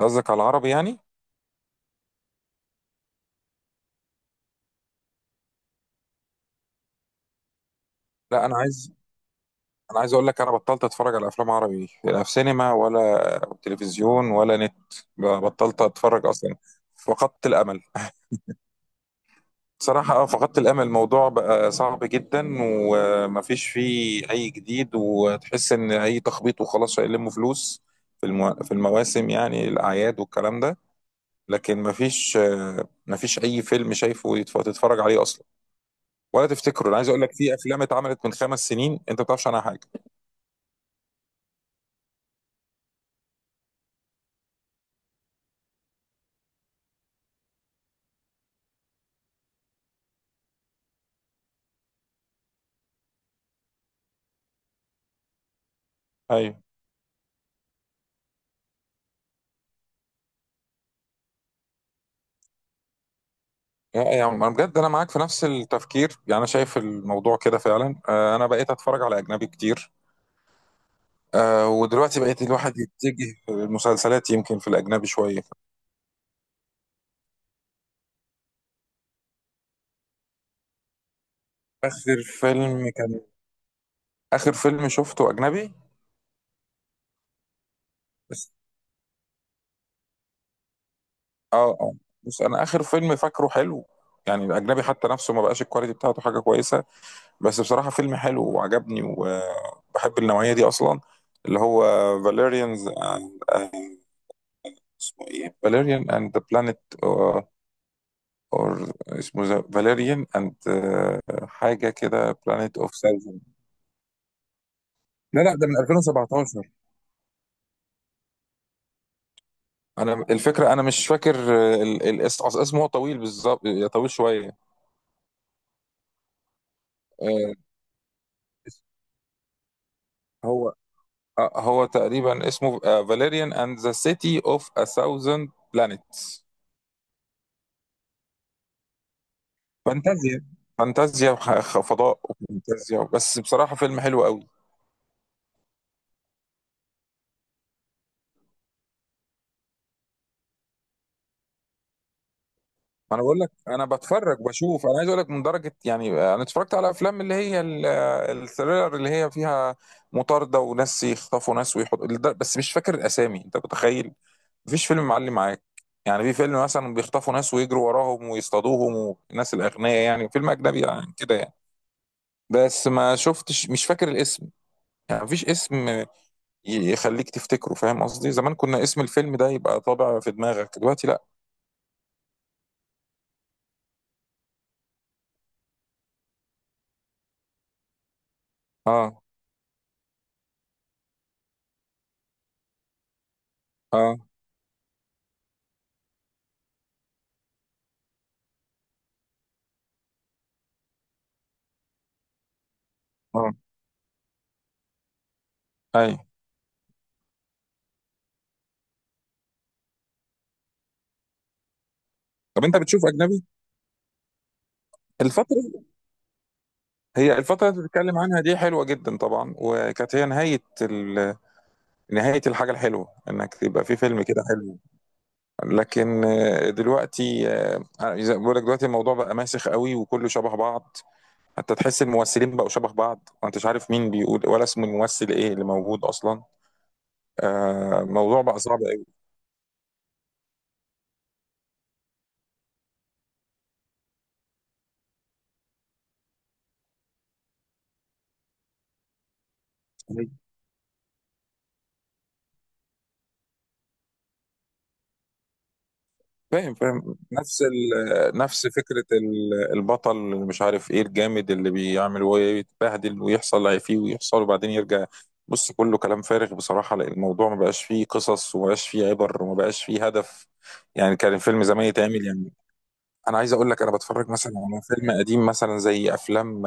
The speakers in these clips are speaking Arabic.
قصدك على العربي يعني. لا، انا عايز اقول لك انا بطلت اتفرج على افلام عربي، لا في سينما ولا تلفزيون ولا نت. بطلت اتفرج اصلا، فقدت الامل. صراحة فقدت الامل. الموضوع بقى صعب جدا ومفيش فيه اي جديد، وتحس ان اي تخبيط وخلاص هيلموا فلوس في المواسم، يعني الاعياد والكلام ده. لكن مفيش، مفيش اي فيلم شايفه تتفرج عليه اصلا ولا تفتكره. انا عايز اقول لك في افلام اتعملت من 5 سنين انت ما تعرفش عنها حاجة. ايوه. يعني انا بجد انا معاك في نفس التفكير، يعني انا شايف الموضوع كده فعلا. انا بقيت اتفرج على اجنبي كتير. ودلوقتي بقيت الواحد يتجه المسلسلات يمكن في الاجنبي شويه. اخر فيلم كان اخر فيلم شفته اجنبي. بس اه اه بس انا اخر فيلم فاكره حلو، يعني الاجنبي حتى نفسه ما بقاش الكواليتي بتاعته حاجه كويسه. بس بصراحه فيلم حلو وعجبني وبحب النوعيه دي اصلا، اللي هو فاليريانز. اسمه ايه، فاليريان اند ذا بلانيت، اور اسمه فاليريان اند، حاجه كده، بلانيت اوف ساوزن. لا لا، ده من 2017. انا الفكره انا مش فاكر، أصل اسمه هو طويل بالظبط، طويل شويه. آه، اس- هو هو تقريبا اسمه فاليريان اند ذا سيتي اوف ا ثاوزند بلانيتس. فانتازيا، فانتازيا فضاء وفانتازيا، بس بصراحه فيلم حلو قوي. ما انا بقول لك، انا بشوف، انا عايز اقول لك من درجه، يعني انا اتفرجت على افلام اللي هي الثريلر، اللي هي فيها مطارده وناس يخطفوا ناس ويحطوا بس مش فاكر الاسامي، انت متخيل؟ مفيش فيلم معلي معاك. يعني في فيلم مثلا بيخطفوا ناس ويجروا وراهم ويصطادوهم، والناس الاغنياء، يعني فيلم اجنبي يعني كده يعني. بس ما شفتش، مش فاكر الاسم. يعني مفيش اسم يخليك تفتكره، فاهم قصدي؟ زمان كنا اسم الفيلم ده يبقى طابع في دماغك، دلوقتي لا. اه. اه. اه. اي. طب انت بتشوف اجنبي الفترة؟ هي الفترة اللي بتتكلم عنها دي حلوة جدا طبعا، وكانت هي نهاية نهاية الحاجة الحلوة، انك يبقى في فيلم كده حلو. لكن دلوقتي، زي ما بقول لك دلوقتي الموضوع بقى ماسخ قوي وكله شبه بعض. حتى تحس الممثلين بقوا شبه بعض وانت مش عارف مين بيقول ولا اسم الممثل ايه اللي موجود اصلا. الموضوع بقى صعب قوي. فاهم، فاهم، نفس نفس فكرة البطل اللي مش عارف ايه الجامد اللي بيعمل ويتبهدل ويحصل اللي هي فيه، ويحصل، وبعدين يرجع. بص كله كلام فارغ بصراحة، لأن الموضوع ما بقاش فيه قصص، وما بقاش فيه عبر، وما بقاش فيه هدف. يعني كان الفيلم زمان يتعمل يعني. انا عايز اقول لك انا بتفرج مثلا على فيلم قديم مثلا، زي افلام،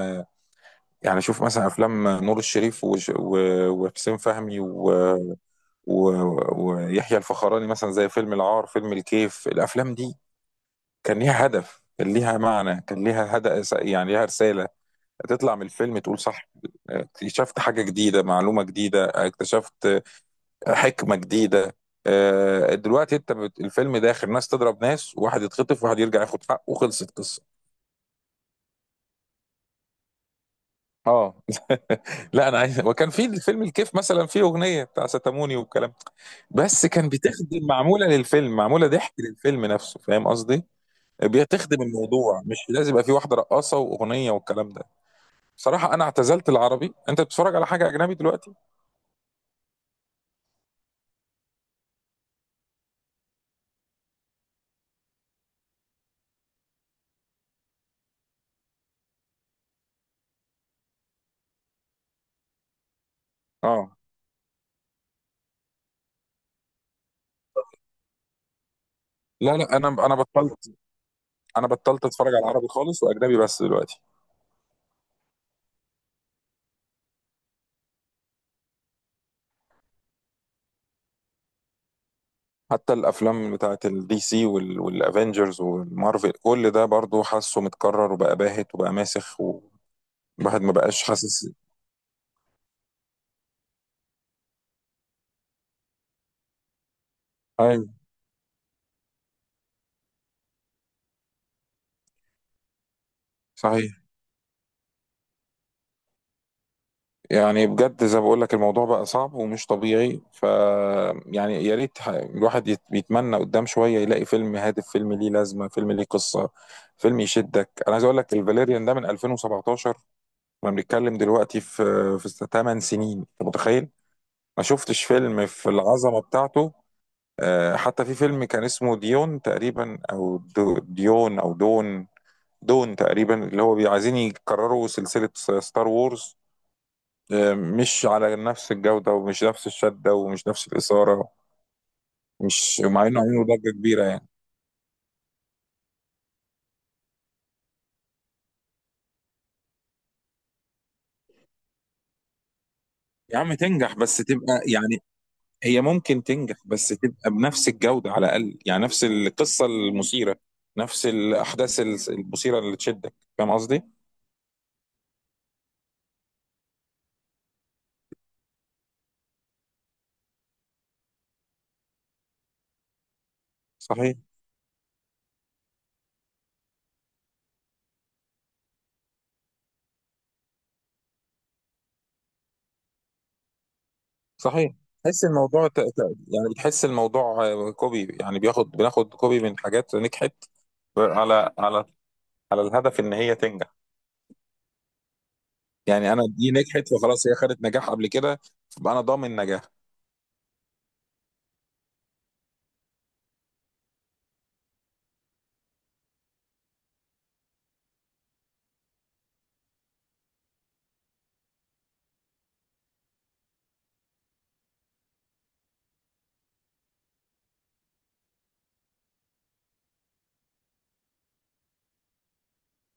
يعني شوف مثلا افلام نور الشريف وحسين فهمي و... ويحيى الفخراني، مثلا زي فيلم العار، فيلم الكيف. الافلام دي كان ليها هدف، كان ليها معنى، كان ليها هدف، يعني ليها رسالة، تطلع من الفيلم تقول صح، اكتشفت حاجة جديدة، معلومة جديدة، اكتشفت حكمة جديدة. دلوقتي انت الفيلم داخل ناس تضرب ناس، واحد يتخطف، واحد يرجع ياخد حقه، وخلصت القصة. اه لا انا عايز، وكان في الفيلم الكيف مثلا فيه اغنيه بتاع ستاموني والكلام ده. بس كان بتخدم، معموله للفيلم، معموله ضحك للفيلم نفسه، فاهم قصدي؟ بتخدم الموضوع، مش لازم يبقى في واحده رقاصه واغنيه والكلام ده. بصراحة أنا اعتزلت العربي، أنت بتتفرج على حاجة أجنبي دلوقتي؟ أه. لا لا، أنا بطلت، أنا بطلت أتفرج على العربي خالص وأجنبي بس دلوقتي. حتى الأفلام بتاعة الدي سي والأفينجرز والمارفل، كل ده برضو حاسه متكرر وبقى باهت وبقى ماسخ، والواحد ما بقاش حاسس. أيوه. صحيح، يعني بجد زي ما بقول لك الموضوع بقى صعب ومش طبيعي، ف يعني يا ريت الواحد بيتمنى قدام شويه يلاقي فيلم هادف، فيلم ليه لازمه، فيلم ليه قصه، فيلم يشدك. انا عايز اقول لك الفاليريان ده من 2017، احنا بنتكلم دلوقتي في في 8 سنين، انت متخيل؟ ما شفتش فيلم في العظمه بتاعته. حتى في فيلم كان اسمه ديون تقريبا، او ديون او دون تقريبا، اللي هو عايزين يكرروا سلسله ستار وورز. مش على نفس الجودة، ومش نفس الشدة، ومش نفس الإثارة، مش مع إنه عملوا ضجة كبيرة يعني. يا عم تنجح، بس تبقى يعني، هي ممكن تنجح بس تبقى بنفس الجودة على الأقل، يعني نفس القصة المثيرة، نفس الأحداث المثيرة اللي تشدك، فاهم قصدي؟ صحيح، صحيح. تحس الموضوع، يعني بتحس الموضوع كوبي، يعني بناخد كوبي من حاجات نجحت، على على على الهدف إن هي تنجح. يعني أنا دي نجحت، فخلاص هي خدت نجاح قبل كده، فبقى أنا ضامن نجاح.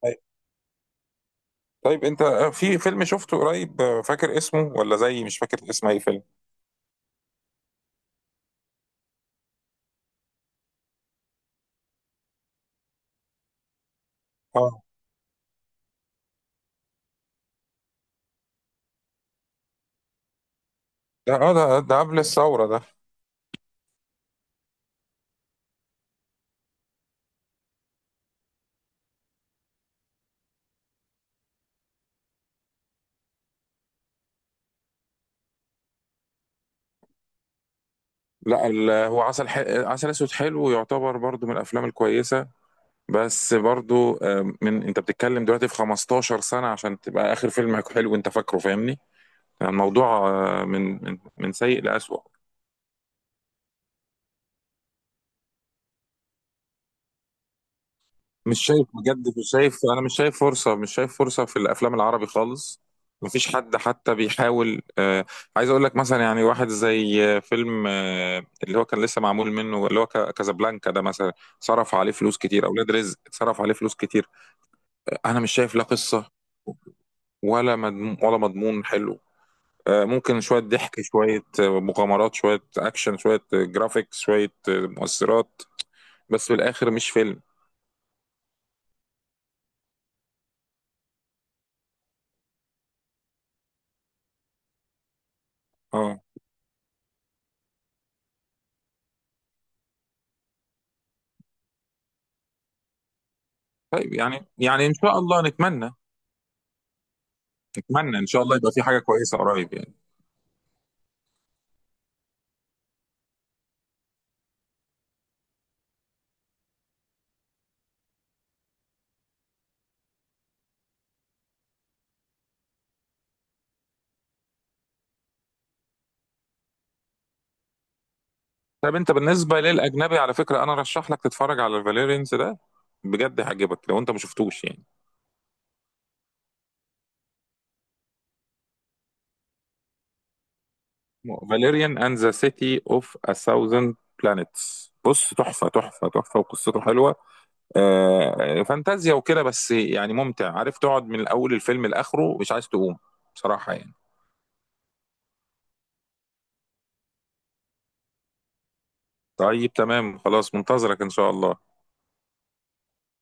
طيب، طيب، انت في فيلم شفته قريب، فاكر اسمه؟ ولا زي مش فاكر اسم اي فيلم؟ اه. ده قبل الثورة ده. لا، هو عسل اسود حلو، يعتبر برضو من الافلام الكويسة. بس برضو، من انت بتتكلم دلوقتي في 15 سنة عشان تبقى اخر فيلم حلو انت فاكره، فاهمني؟ يعني الموضوع، من سيء لأسوأ. مش شايف، بجد مش شايف، انا مش شايف فرصه، مش شايف فرصه في الافلام العربي خالص. مفيش حد حتى بيحاول. عايز اقول لك مثلا، يعني واحد زي فيلم، اللي هو كان لسه معمول منه، اللي هو كازابلانكا ده مثلا، صرف عليه فلوس كتير، اولاد رزق صرف عليه فلوس كتير. انا مش شايف لا قصه، ولا مضمون، ولا مضمون حلو. آه ممكن شويه ضحك، شويه مغامرات، شويه اكشن، شويه جرافيكس، شويه مؤثرات، بس في الاخر مش فيلم. اه. طيب، يعني ان شاء الله نتمنى، اتمنى ان شاء الله يبقى في حاجه كويسه قريب يعني. طب انت بالنسبه للاجنبي، على فكره انا رشح لك تتفرج على فاليرينز ده، بجد هيعجبك لو انت ما شفتوش يعني. فاليريان اند ذا سيتي اوف ا ثاوزند بلانيتس. بص تحفه، تحفه، تحفه، وقصته حلوه. فانتازيا وكده، بس يعني ممتع، عارف تقعد من الاول الفيلم لاخره مش عايز تقوم، بصراحه يعني. طيب تمام، خلاص منتظرك ان شاء الله.